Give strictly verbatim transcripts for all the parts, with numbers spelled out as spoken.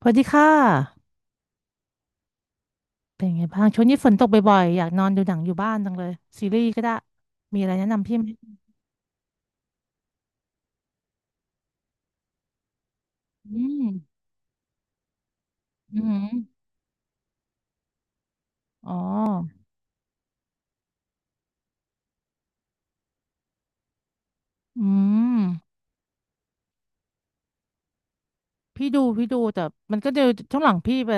สวัสดีค่ะ เป็นไงบ้างช่วงนี้ฝนตกบ่อยๆอยากนอนดูหนังอยู่บ้านจังเลยซีรีส์ก็ได้ มีอะไรแนะนำพี่ไหมอืมอืมอ๋ออืมพี่ดูพี่ดูแต่มันก็เดี๋ยวช่วงหลังพี่ไป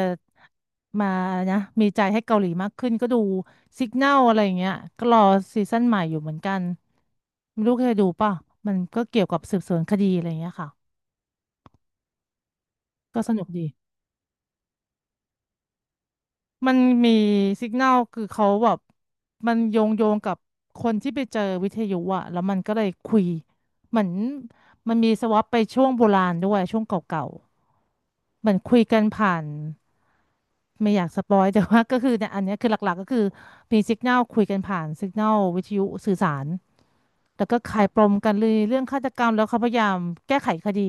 มานะ มีใจให้เกาหลีมากขึ้นก็ดูสิก n น l อะไรอย่างเงี้ยก็รอซีซั่นใหม่อยู่เหมือนกันไม่รู้เคยดูป่ะมันก็เกี่ยวกับสืบสวนคดีอะไรอย่างเงี้ยค่ะ ก็สนุกดี มันมีสิก n น l คือเขาแบบมันโยงโยงกับคนที่ไปเจอวิทยุอะแล้วมันก็เลยคุยเหมือนมันมีสวอปไปช่วงโบราณด้วยช่วงเก่าๆเหมือนคุยกันผ่านไม่อยากสปอยแต่ว่าก็คือเนี่ยอันเนี้ยคือหลักๆก็คือมีสิก n น l คุยกันผ่านสิก n น l วิทยุสื่อสารแล้วก็คลายปมกันเลยเรื่องฆาตกรรมแล้วเขาพยายามแก้ไขคดี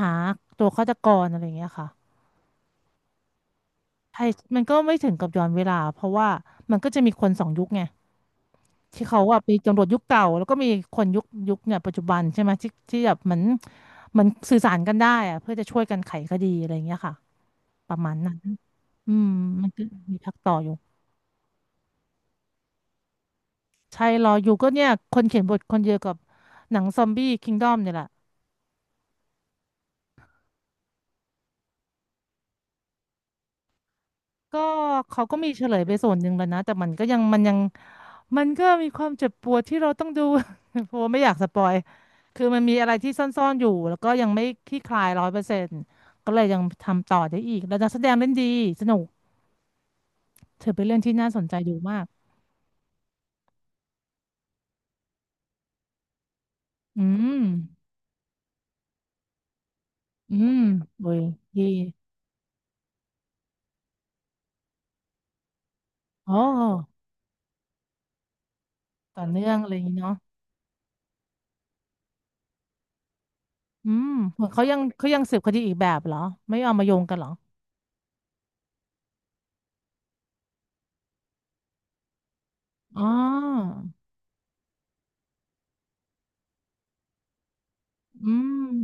หาตัวฆาตกรอะไรอย่างเงี้ยค่ะใช่มันก็ไม่ถึงกับย้อนเวลาเพราะว่ามันก็จะมีคนสองยุคไง ที่เขาว่าไปตำรวจยุคเก่าแล้วก็มีคนยุคยุคเนี่ยปัจจุบันใช่ไหมที่ที่แบบเหมือนเหมือนสื่อสารกันได้อะเพื่อจะช่วยกันไขคดีอะไรอย่างเงี้ยค่ะประมาณนั้นอืมมันก็มีพักต่ออยู่ใช่รออยู่ก็เนี่ยคนเขียนบทคนเดียวกับหนังซอมบี้คิงดอมเนี่ยแหละ ก็เขาก็มีเฉลยไปส่วนหนึ่งแล้วนะแต่มันก็ยังมันยังมันก็มีความเจ็บปวดที่เราต้องดู เพราะว่าไม่อยากสปอยคือมันมีอะไรที่ซ่อนๆอยู่แล้วก็ยังไม่คลี่คลายร้อยเปอร์เซ็นต์ก็เลยยังทำต่อได้อีกแล้วนักแสดงเล่นดีสนุกเธอเป็นเรื่องที่น่าสนใจดูมากอืมอืมโอ้ยดีอ๋อต่อเนื่องอะไรอย่างนี้เนาะอืมเหมือนเขายังเขายังสืบคดีอีกแบบเหรอไม่เอามาโยงกันเหรออ๋ออืม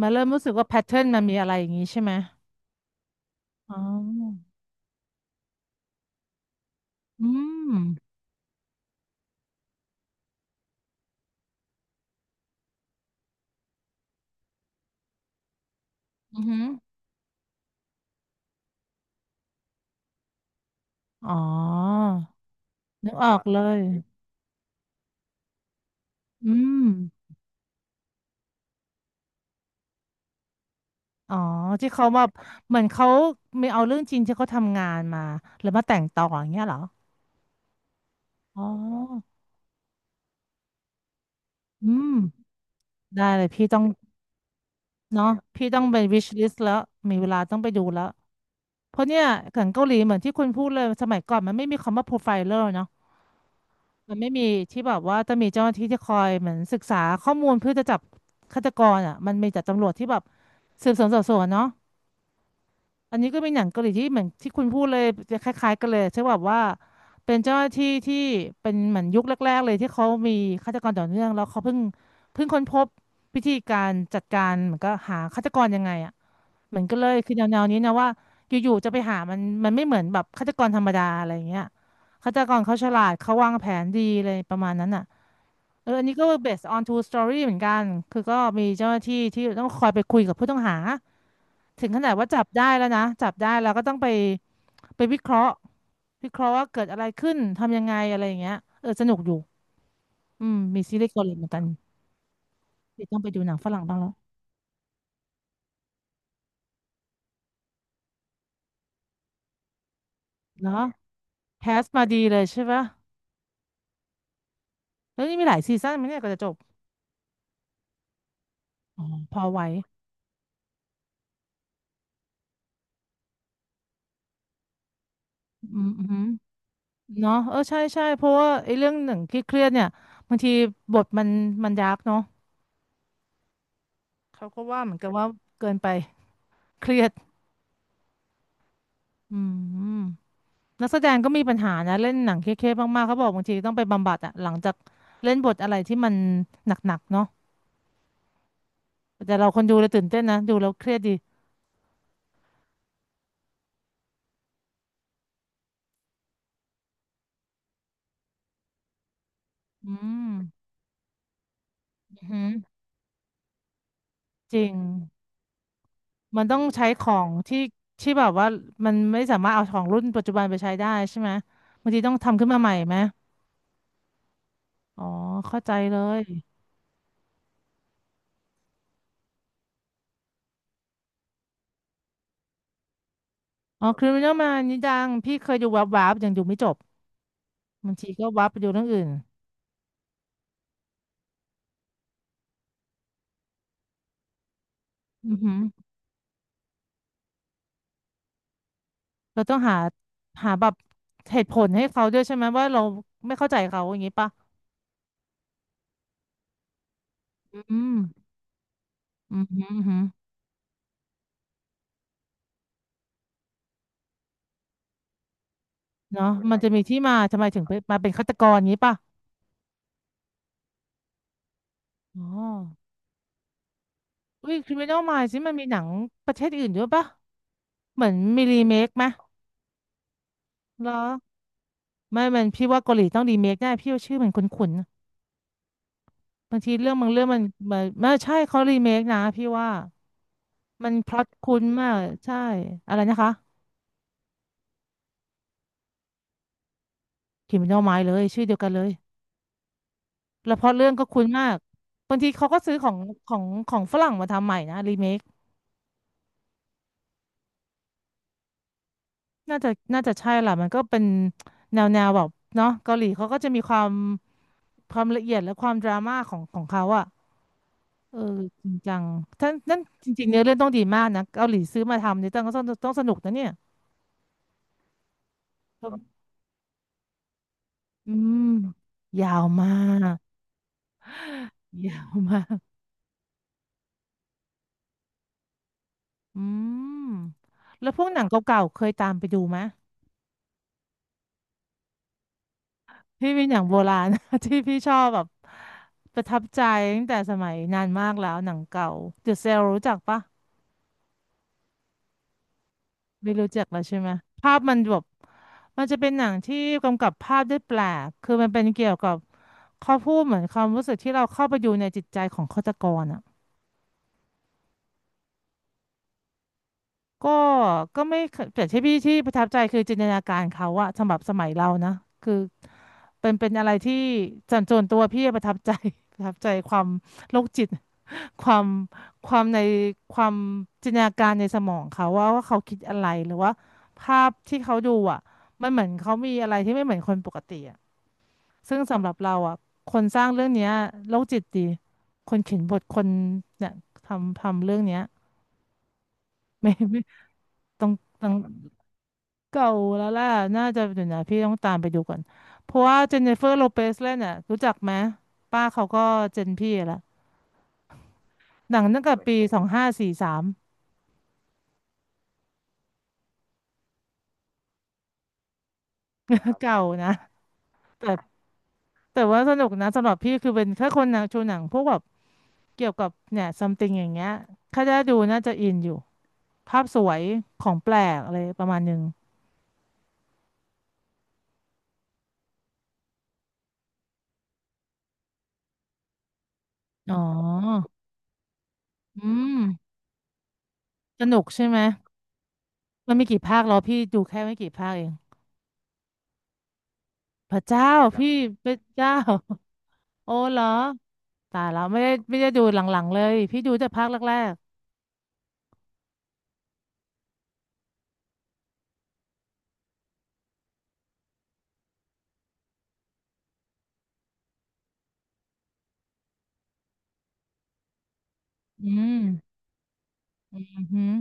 มาเริ่มรู้สึกว่าแพทเทิร์นมันมีอะไรอย่างนี้ใช่ไหม อ๋ออืมอือหืออ๋อนึกออกเลยอืมอ๋อที่เขาแบาเหมือนเขามีเอาเรื่องจริงที่เขาทำงานมาแล้วมาแต่งต่ออย่างเงี้ยเหรอ อ๋ออืมได้เลยพี่ต้องเนาะพี่ต้องไป wish list แล้วมีเวลาต้องไปดูแล้ว เพราะเนี่ยหนังเกาหลีเหมือนที่คุณพูดเลยสมัยก่อนมันไม่มีคำว่า profiler เนาะ มันไม่มีที่แบบว่าจะมีเจ้าหน้าที่ที่คอยเหมือนศึกษาข้อมูลเพื่อจะจับฆาตกรอ่ะมันมีแต่ตำรวจที่แบบสืบสวนสอบสวนเนาะอันนี้ก็เป็นหนังเกาหลีที่เหมือนที่คุณพูดเลยจะคล้ายๆกันเลยใช่แบบว่าเป็นเจ้าหน้าที่ที่เป็นเหมือนยุคแรกๆเลยที่เขามีฆาตกรต่อเนื่องแล้วเขาเพิ่งเพิ่งค้นพบวิธีการจัดการเหมือนก็หาฆาตกรยังไงอ่ะเหมือนกันเลยคือแนวๆนี้นะว่าอยู่ๆจะไปหามันมันไม่เหมือนแบบฆาตกรธรรมดาอะไรอย่างเงี้ยฆาตกรเขาฉลาดเขาวางแผนดีเลยประมาณนั้นอ่ะ เอออันนี้ก็ based on true story เหมือนกันคือก็มีเจ้าหน้าที่ที่ต้องคอยไปคุยกับผู้ต้องหาถึงขนาดว่าจับได้แล้วนะจับได้แล้วก็ต้องไปไปวิเคราะห์วิเคราะห์ว่าเกิดอะไรขึ้นทำยังไงอะไรอย่างเงี้ยเออสนุกอยู่อืมมีซีรีส์เกาหลีเหมือนกันเดี๋ยวต้องไปดูหนังฝรั่งบ้างแล้วเนาะแคสมาดีเลยใช่ปะแล้วนี่มีหลายซีซั่นไหมเนี่ยก็จะจบอ๋อพอไหวอืมอืมเนาะเออใช่ใช่เพราะว่าไอ้เรื่องหนึ่งที่เครียดๆเนี่ยบางทีบทมันมันดาร์กเนาะเขาก็ว่าเหมือนกันว่าเกินไปเครียด อืมนักแสดงก็มีปัญหานะเล่นหนังเครียดๆมากๆเขาบอกบางทีต้องไปบำบัดอะหลังจากเล่นบทอะไรที่มันหนักๆเนาะแต่เราคนดูเลยตื่นเต้นนะดูแล้วเครียดดีอืมอือหือจริงมันต้องใช้ของที่ที่แบบว่ามันไม่สามารถเอาของรุ่นปัจจุบันไปใช้ได้ใช่ไหมบางทีต้องทำขึ้นมาใหม่ไหมอ๋อเข้าใจเลยอ๋อ Criminal Minds นี่ดังพี่เคยดูวับๆยังดูไม่จบบางทีก็วับไปดูเรื่องอื่นอือหือ เราต้องหาหาแบบเหตุผลให้เขาด้วยใช่ไหมว่าเราไม่เข้าใจเขาอย่างนี้ป่ะอืมอืม อืม อืมเนาะมันจะมีที่มาทำไมถึงไปมาเป็นฆาตกรอย่างนี้ป่ะอ๋ออุ้ย Criminal Minds นี่มันมีหนังประเทศอื่นด้วยป่ะเหมือนมีรีเมคไหมเหรอไม่ มันพี่ว่าเกาหลีต้องรีเมคแน่พี่ว่าชื่อมันคุ้นๆบางทีเรื่องบางเรื่องมันมันไม่ใช่เขารีเมคนะพี่ว่ามันพล็อตคุ้นมากใช่อะไรนะคะ Criminal Minds เลยชื่อเดียวกันเลย แล้วเพราะเรื่องก็คุ้นมากบางทีเขาก็ซื้อของของของฝรั่งมาทำใหม่นะรีเมคน่าจะน่าจะใช่ล่ะมันก็เป็นแนวแนวแบบเนาะเกาหลีเขาก็จะมีความความละเอียดและความดราม่าของของเขาอะ เออจริงจัง ท่านนั่นจริงๆเนื้อเรื่องต้องดีมากนะเกาหลีซื้อมาทำเนี่ยต้องต้องต้องสนุกนะเนี่ยครับอืมยาวมากยาวมากอืมแล้วพวกหนังเก่าๆเคยตามไปดูไหม พี่เป็นอย่างโบราณ ที่พี่ชอบแบบประทับใจตั้งแต่สมัยนานมากแล้วหนังเก่าเดอะเซลรู้จักปะไม่รู้จักแล้วใช่ไหมภาพมันแบบมันจะเป็นหนังที่กำกับภาพได้แปลกคือมันเป็นเกี่ยวกับเขาพูดเหมือนความรู้สึกที่เราเข้าไปอยู่ในจิตใจของฆาตกรอ่ะก็ก็ไม่เคยแต่ที่พี่ที่ประทับใจคือจินตนาการเขาอะสำหรับสมัยเรานะคือเป็นเป็นอะไรที่ส่วนตัวพี่ประทับใจ ประทับใจความโรคจิต ความความในความจินตนาการในสมองเขาว่าว่าเขาคิดอะไรหรือว่าภาพที่เขาดูอ่ะมันเหมือนเขามีอะไรที่ไม่เหมือนคนปกติอ่ะซึ่งสำหรับเราอ่ะคนสร้างเรื่องเนี้ยโรคจิตดีคนเขียนบทคนเนี่ยทำทำเรื่องเนี้ยไม่ไม่ต้องต้องเก่าแล้วล่ะน่าจะเดี๋ยวนะพี่ต้องตามไปดูก่อนเพราะว่าเจนนิเฟอร์โลเปซเล่นอ่ะรู้จักไหมป้าเขาก็เจนพี่ละหนังตั้งแต่ปีสองห้าสี่สาม เก่านะแต่ แต่ว่าสนุกนะสำหรับพี่คือเป็นแค่คนหนังชูหนังพวกแบบเกี่ยวกับเนี่ยซัมติงอย่างเงี้ยถ้าได้ดูน่าจะอินอยู่ภาพสวยของแปลกอะไรประมาณหนึงอ๋ออืมสนุกใช่ไหมมันมีกี่ภาคเหรอพี่ดูแค่ไม่กี่ภาคเองพระเจ้าพี่พระเจ้าโอ้เหรอตายแล้วไม่ได้ไม่ได้ดูหลังๆเลยพี่ดูแต่ภาคแรกๆอืมอือหือ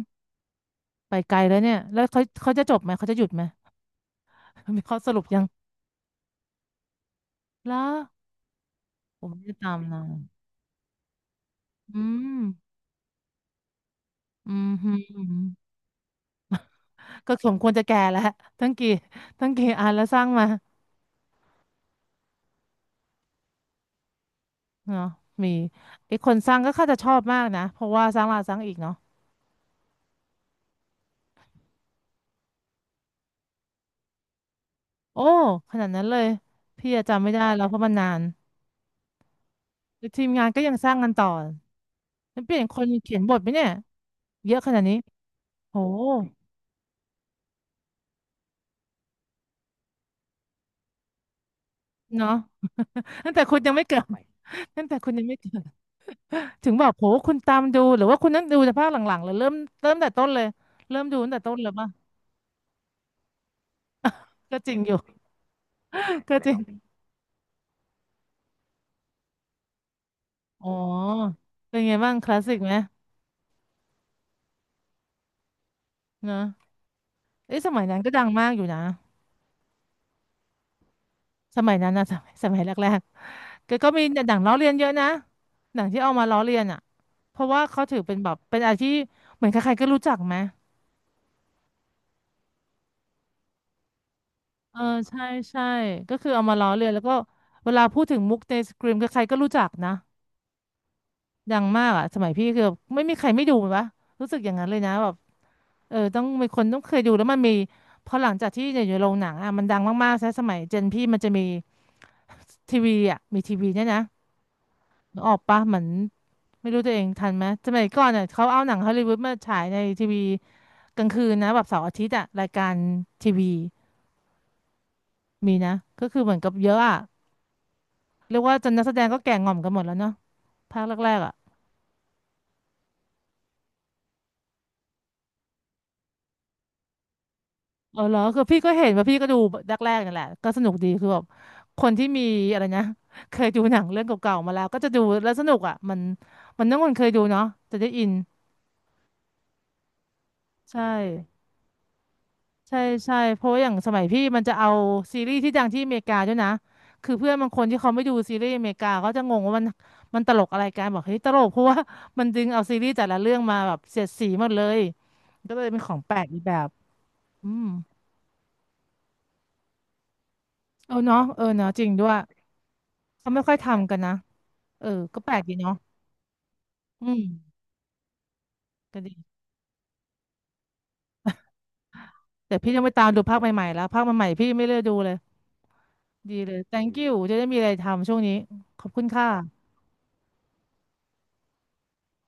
ไปไกลแล้วเนี่ยแล้วเขาเขาจะจบไหมเขาจะหยุดไหมมีข้อสรุปยังแล้วผมไม่ได้ตามนะ อืมอืมฮึอืมก็สมควรจะแก่แล้วทั้งกี่ทั้งกี่อันแล้วสร้างมาเนาะมีไอ้คนสร้างก็ค่าจะชอบมากนะเพราะว่าสร้างแลาสร้างอีกเนาะโอ้ขนาดนั้นเลยพี่อะจำไม่ได้แล้วเพราะมันนานแล้วทีมงานก็ยังสร้างกันต่อแล้วเปลี่ยนคนเขียนบทไหมเนี่ยเยอะขนาดนี้โหเนาะ ตั้งแต่คุณยังไม่เกิด ตั้งแต่คุณยังไม่เกิดถึงบอกโหคุณตามดูหรือว่าคุณนั่งดูแต่ภาคหลังๆเลยเริ่มเริ่มแต่ต้นเลยเริ่มดูตั้งแต่ต้นเลยป่ะก็จริงอยู่ ก็จริงอ๋อเป็นไงบ้างคลาสสิกไหมเนอะเอ้ยสมัยนั้นก็ดังมากอยู่นะสมัยนั้นนะ สมัยสมัยแรกๆก็ก็มีหนังล้อเลียนเยอะนะหนังที่เอามาล้อเลียนอ่ะเพราะว่าเขาถือเป็นแบบเป็นอะไรที่เหมือนใครๆก็รู้จักไหมเออใช่ใช่ก็คือเอามาล้อเลียนแล้วก็เวลาพูดถึงมุกในสกรีมใครๆก็รู้จักนะดังมากอ่ะสมัยพี่คือแบบไม่มีใครไม่ดูเลยวะรู้สึกอย่างนั้นเลยนะแบบ เออต้องมีคนต้องเคยดูแล้วมันมีพอหลังจากที่อยู่ในโรงหนังอ่ะมันดังมากๆใช่สมัยเจนพี่มันจะมีทีวีอ่ะมีทีวีเนี่ยนะนึกออกปะเหมือนไม่รู้ตัวเองทันไหมสมัยก่อนอ่ะเขาเอาหนังฮอลลีวูดมาฉายในทีวีกลางคืนนะแบบเสาร์อาทิตย์อ่ะรายการทีวีมีนะก็คือเหมือนกับเยอะอ่ะเรียกว่าจนนักแสดงก็แก่ง่อมกันหมดแล้วเนาะภาคแรกๆอ่ะ เออเหรอคือพี่ก็เห็นว่าพี่ก็ดูแรกๆนั่นแหละก็สนุกดีคือแบบคนที่มีอะไรนะ เคยดูหนังเรื่องเก่าๆมาแล้วก็จะดูแล้วสนุกอ่ะมันมันต้องคนเคยดูเนาะจะได้อินใช่ใช่ใช่เพราะว่าอย่างสมัยพี่มันจะเอาซีรีส์ที่ดังที่อเมริกาด้วยนะคือเพื่อนบางคนที่เขาไม่ดูซีรีส์อเมริกาเขาจะงงว่ามันมันตลกอะไรกันบอกเฮ้ยตลกเพราะว่า มันดึงเอาซีรีส์แต่ละเรื่องมาแบบเสียดสีหมดเลยก็เลยเป็นของแปลกอีกแบบอืมเออเนาะเออเนาะจริงด้วยเขาไม่ค่อยทำกันนะ เออ ก็แปลกดีเนาะอืมก็ดีแต่พี่ต้องไปตามดูภาคใหม่ๆแล้วภาคใหม่ๆพี่ไม่เลือกดูเลย ดีเลย thank you จะได้มีอะไรทำช่วงนี้ ขอบคุณค่ะ